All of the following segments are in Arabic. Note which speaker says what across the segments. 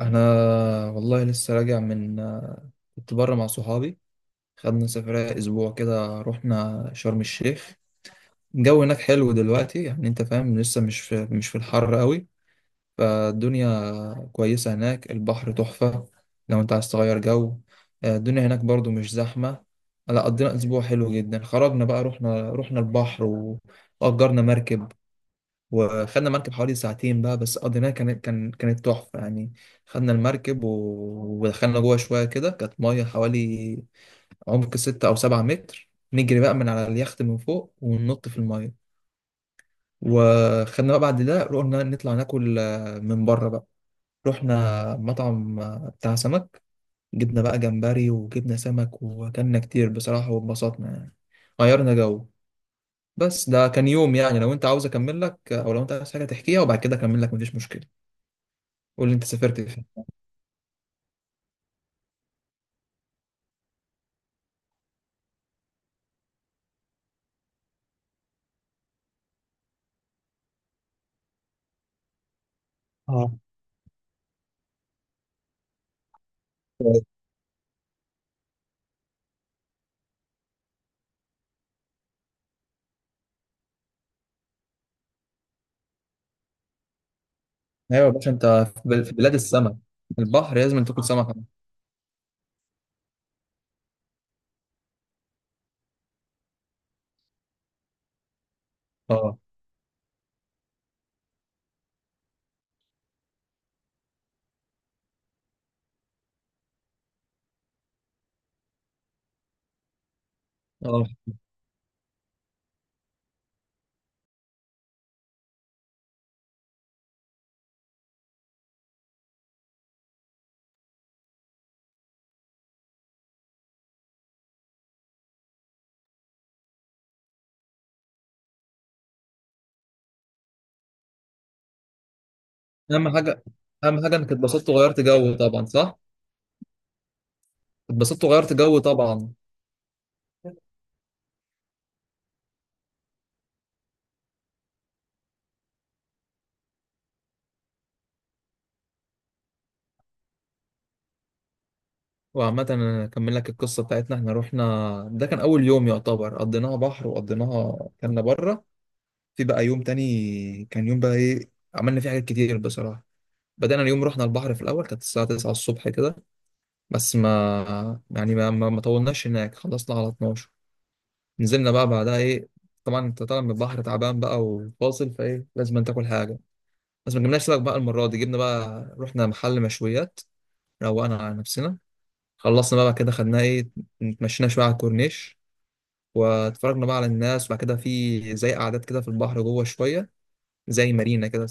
Speaker 1: انا والله لسه راجع من كنت بره مع صحابي. خدنا سفرية اسبوع كده، رحنا شرم الشيخ. الجو هناك حلو دلوقتي، يعني انت فاهم، لسه مش في، مش في الحر قوي، فالدنيا كويسة هناك. البحر تحفة لو انت عايز تغير جو. الدنيا هناك برضو مش زحمة. لا، قضينا اسبوع حلو جدا. خرجنا بقى، رحنا البحر واجرنا مركب، وخدنا مركب حوالي ساعتين بقى، بس قضيناها كانت تحفة يعني. خدنا المركب ودخلنا جوه شوية كده، كانت مية حوالي عمق 6 أو 7 متر، نجري بقى من على اليخت من فوق وننط في المية. وخدنا بقى بعد ده رحنا نطلع ناكل من بره بقى. رحنا مطعم بتاع سمك، جبنا بقى جمبري وجبنا سمك وأكلنا كتير بصراحة واتبسطنا يعني. غيرنا جو. بس ده كان يوم يعني، لو انت عاوز اكمل لك، او لو انت عايز حاجه تحكيها وبعد كده اكمل لك، مفيش مشكله. قول لي انت سافرت فين. اه، ايوه. يا باشا انت في في بلاد السمك، البحر لازم تاكل سمك. اه، اه. اهم حاجه اهم حاجه انك اتبسطت وغيرت جو طبعا، صح؟ اتبسطت وغيرت جو طبعا. وعامة أنا أكمل لك القصة بتاعتنا. إحنا رحنا، ده كان أول يوم يعتبر قضيناها بحر وقضيناها كنا بره. في بقى يوم تاني، كان يوم بقى إيه، عملنا فيه حاجات كتير بصراحة. بدأنا اليوم، رحنا البحر في الأول كانت الساعة 9 الصبح كده، بس ما يعني ما, ما ما طولناش هناك، خلصنا على 12. نزلنا بقى بعدها ايه، طبعا انت طالع من البحر تعبان بقى وفاصل فايه، لازم تاكل حاجه. بس ما جبناش سمك بقى المره دي، جبنا بقى، رحنا محل مشويات، روقنا على نفسنا. خلصنا بقى كده، خدنا ايه، اتمشينا شويه على الكورنيش واتفرجنا بقى على الناس. وبعد كده في زي قعدات كده في البحر جوه شويه، زي مارينا كده.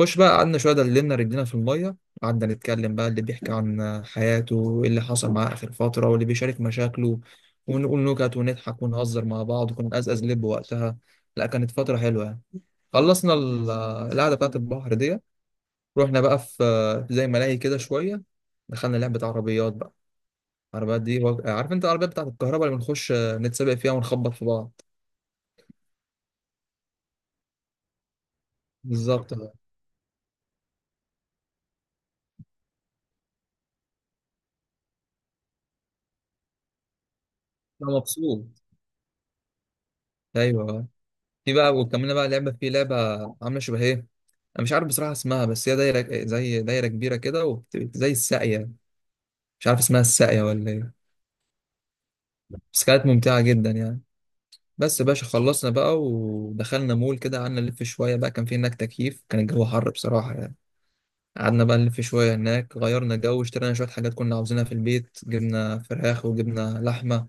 Speaker 1: خش بقى قعدنا شوية، دللنا رجلينا في المية، قعدنا نتكلم بقى، اللي بيحكي عن حياته وإيه اللي حصل معاه آخر فترة، واللي بيشارك مشاكله، ونقول نكت ونضحك ونهزر مع بعض، وكنا نقزقز لب وقتها. لا، كانت فترة حلوة يعني. خلصنا القعدة بتاعت البحر دي، رحنا بقى في زي ملاهي كده شوية. دخلنا لعبة عربيات بقى، العربيات دي عارف انت العربيات بتاعت الكهرباء اللي بنخش نتسابق فيها ونخبط في بعض. بالظبط، انا مبسوط. ايوه. في بقى وكملنا بقى لعبة في لعبة، عاملة شبه ايه، انا مش عارف بصراحة اسمها، بس هي دايرة، زي دايرة كبيرة كده، زي الساقية. مش عارف اسمها الساقية ولا ايه، بس كانت ممتعة جدا يعني. بس يا باشا خلصنا بقى ودخلنا مول كده، قعدنا نلف شوية بقى، كان في هناك تكييف، كان الجو حر بصراحة يعني. قعدنا بقى نلف شوية هناك، غيرنا جو، اشترينا شوية حاجات كنا عاوزينها في البيت، جبنا فراخ وجبنا لحمة.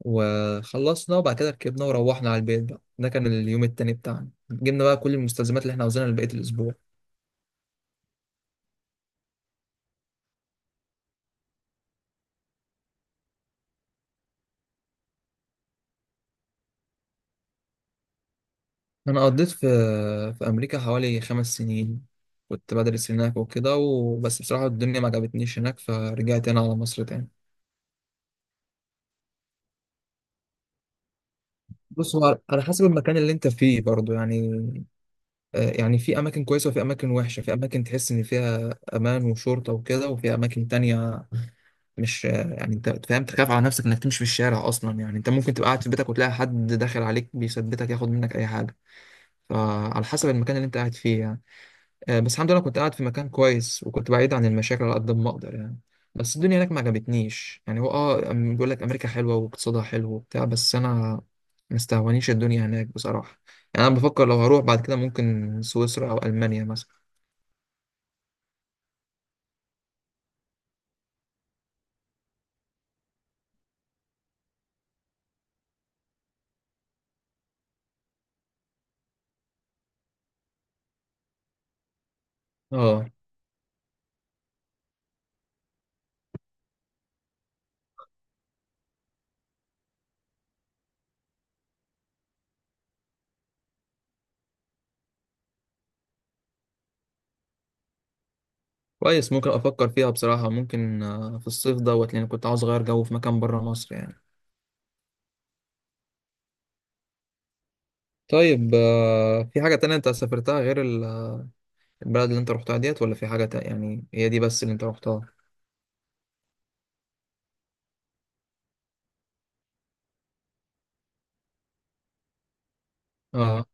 Speaker 1: وخلصنا وبعد كده ركبنا وروحنا على البيت بقى. ده كان اليوم التاني بتاعنا، جبنا بقى كل المستلزمات اللي احنا عاوزينها لبقية الأسبوع. أنا قضيت في في أمريكا حوالي 5 سنين، كنت بدرس هناك وكده. وبس بصراحة الدنيا ما عجبتنيش هناك، فرجعت هنا على مصر تاني. بص، هو على حسب المكان اللي أنت فيه برضه يعني. يعني في أماكن كويسة وفي أماكن وحشة، في أماكن تحس إن فيها أمان وشرطة وكده، وفي أماكن تانية مش، يعني أنت فاهم، تخاف على نفسك إنك تمشي في الشارع أصلا. يعني أنت ممكن تبقى قاعد في بيتك وتلاقي حد داخل عليك بيثبتك ياخد منك أي حاجة. فعلى حسب المكان اللي أنت قاعد فيه يعني. بس الحمد لله كنت قاعد في مكان كويس، وكنت بعيد عن المشاكل على قد ما اقدر يعني. بس الدنيا هناك ما عجبتنيش يعني. هو بيقول لك امريكا حلوه واقتصادها حلو وبتاع، بس انا مستهونيش الدنيا هناك بصراحه. يعني انا بفكر لو هروح بعد كده ممكن سويسرا او المانيا مثلا. اه، كويس. ممكن افكر فيها بصراحه، ممكن في الصيف دوت، لان كنت عاوز اغير جو في مكان بره مصر يعني. طيب، في حاجه تانية انت سافرتها غير البلد اللي انت رحتها ديت، ولا في حاجه تانية؟ يعني هي دي بس اللي انت رحتها؟ اه،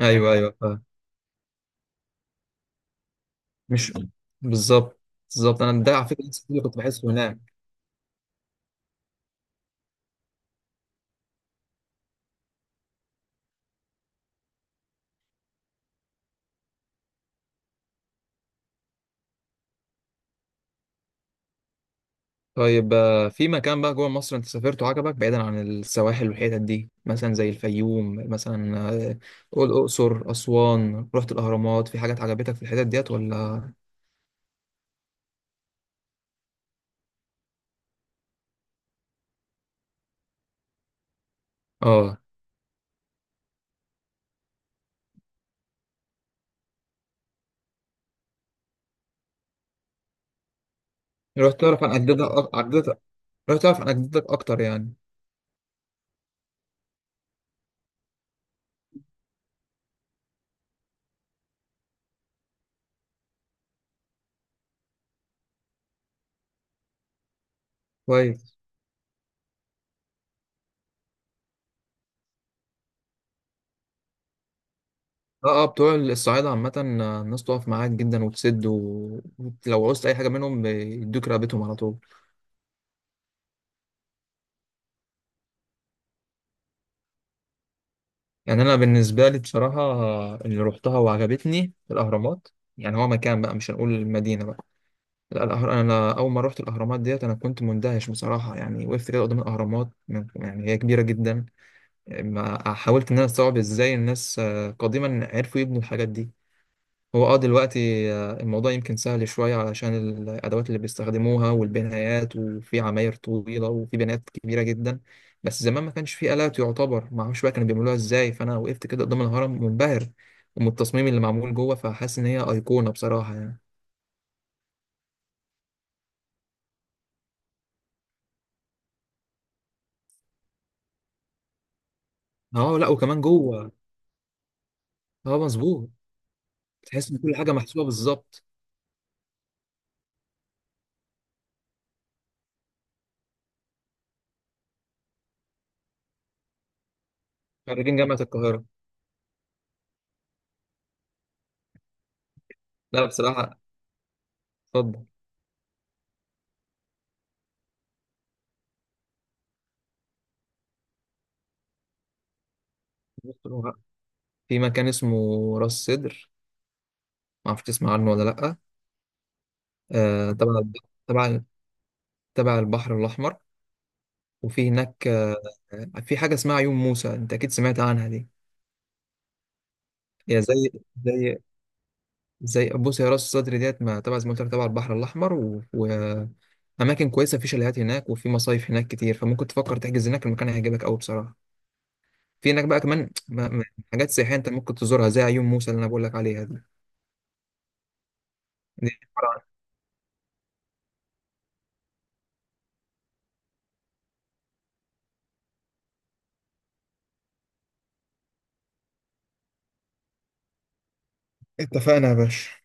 Speaker 1: ايوه ايوه. مش بالظبط. بالظبط، انا ده على فكره نفس اللي كنت بحسه هناك. طيب، في مكان بقى جوه مصر انت سافرته عجبك بعيدا عن السواحل والحتت دي؟ مثلا زي الفيوم مثلا، آه، قول الاقصر، اسوان، رحت الاهرامات، في حاجات عجبتك في الحتت ديت ولا؟ اه. رحت تعرف عن اجدادك أك- عجدتك رحت تعرف عن اجدادك اكتر يعني. كويس. اه، اه، بتوع الصعايده عامه. الناس تقف معاك جدا وتسد، ولو عوزت اي حاجه منهم بيدوك رقبتهم على طول. يعني انا بالنسبه لي بصراحه، اللي روحتها وعجبتني الاهرامات. يعني هو مكان بقى، مش هنقول المدينه بقى. لا، انا اول ما روحت الاهرامات ديت انا كنت مندهش بصراحه يعني. وقفت كده قدام الاهرامات يعني هي كبيره جدا، ما حاولت ان انا استوعب ازاي الناس قديما عرفوا يبنوا الحاجات دي. هو دلوقتي الموضوع يمكن سهل شوية، علشان الأدوات اللي بيستخدموها والبنايات، وفي عماير طويلة وفي بنايات كبيرة جدا. بس زمان ما كانش فيه آلات يعتبر، ما اعرفش بقى كانوا بيعملوها ازاي. فأنا وقفت كده قدام الهرم منبهر، ومن التصميم اللي معمول جوه، فحاسس إن هي أيقونة بصراحة يعني. اه، لا وكمان جوه. اه، مظبوط. تحس إن كل حاجة محسوبة بالظبط. خريجين جامعة القاهرة. لا بصراحة، اتفضل. في مكان اسمه راس سدر، ما اعرفش تسمع عنه ولا لأ؟ آه، تبع تبع تبع البحر الأحمر. وفي هناك في حاجة اسمها عيون موسى، أنت أكيد سمعت عنها دي. هي زي زي زي بص، هي راس صدر ديت ما تبع زي ما قلت لك تبع البحر الأحمر، وأماكن كويسة، في شاليهات هناك وفي مصايف هناك كتير، فممكن تفكر تحجز هناك، المكان هيعجبك أوي بصراحة. في هناك بقى كمان حاجات سياحية أنت ممكن تزورها، زي عيون موسى اللي أنا بقول لك عليها دي، دي عبارة عن، اتفقنا يا باشا.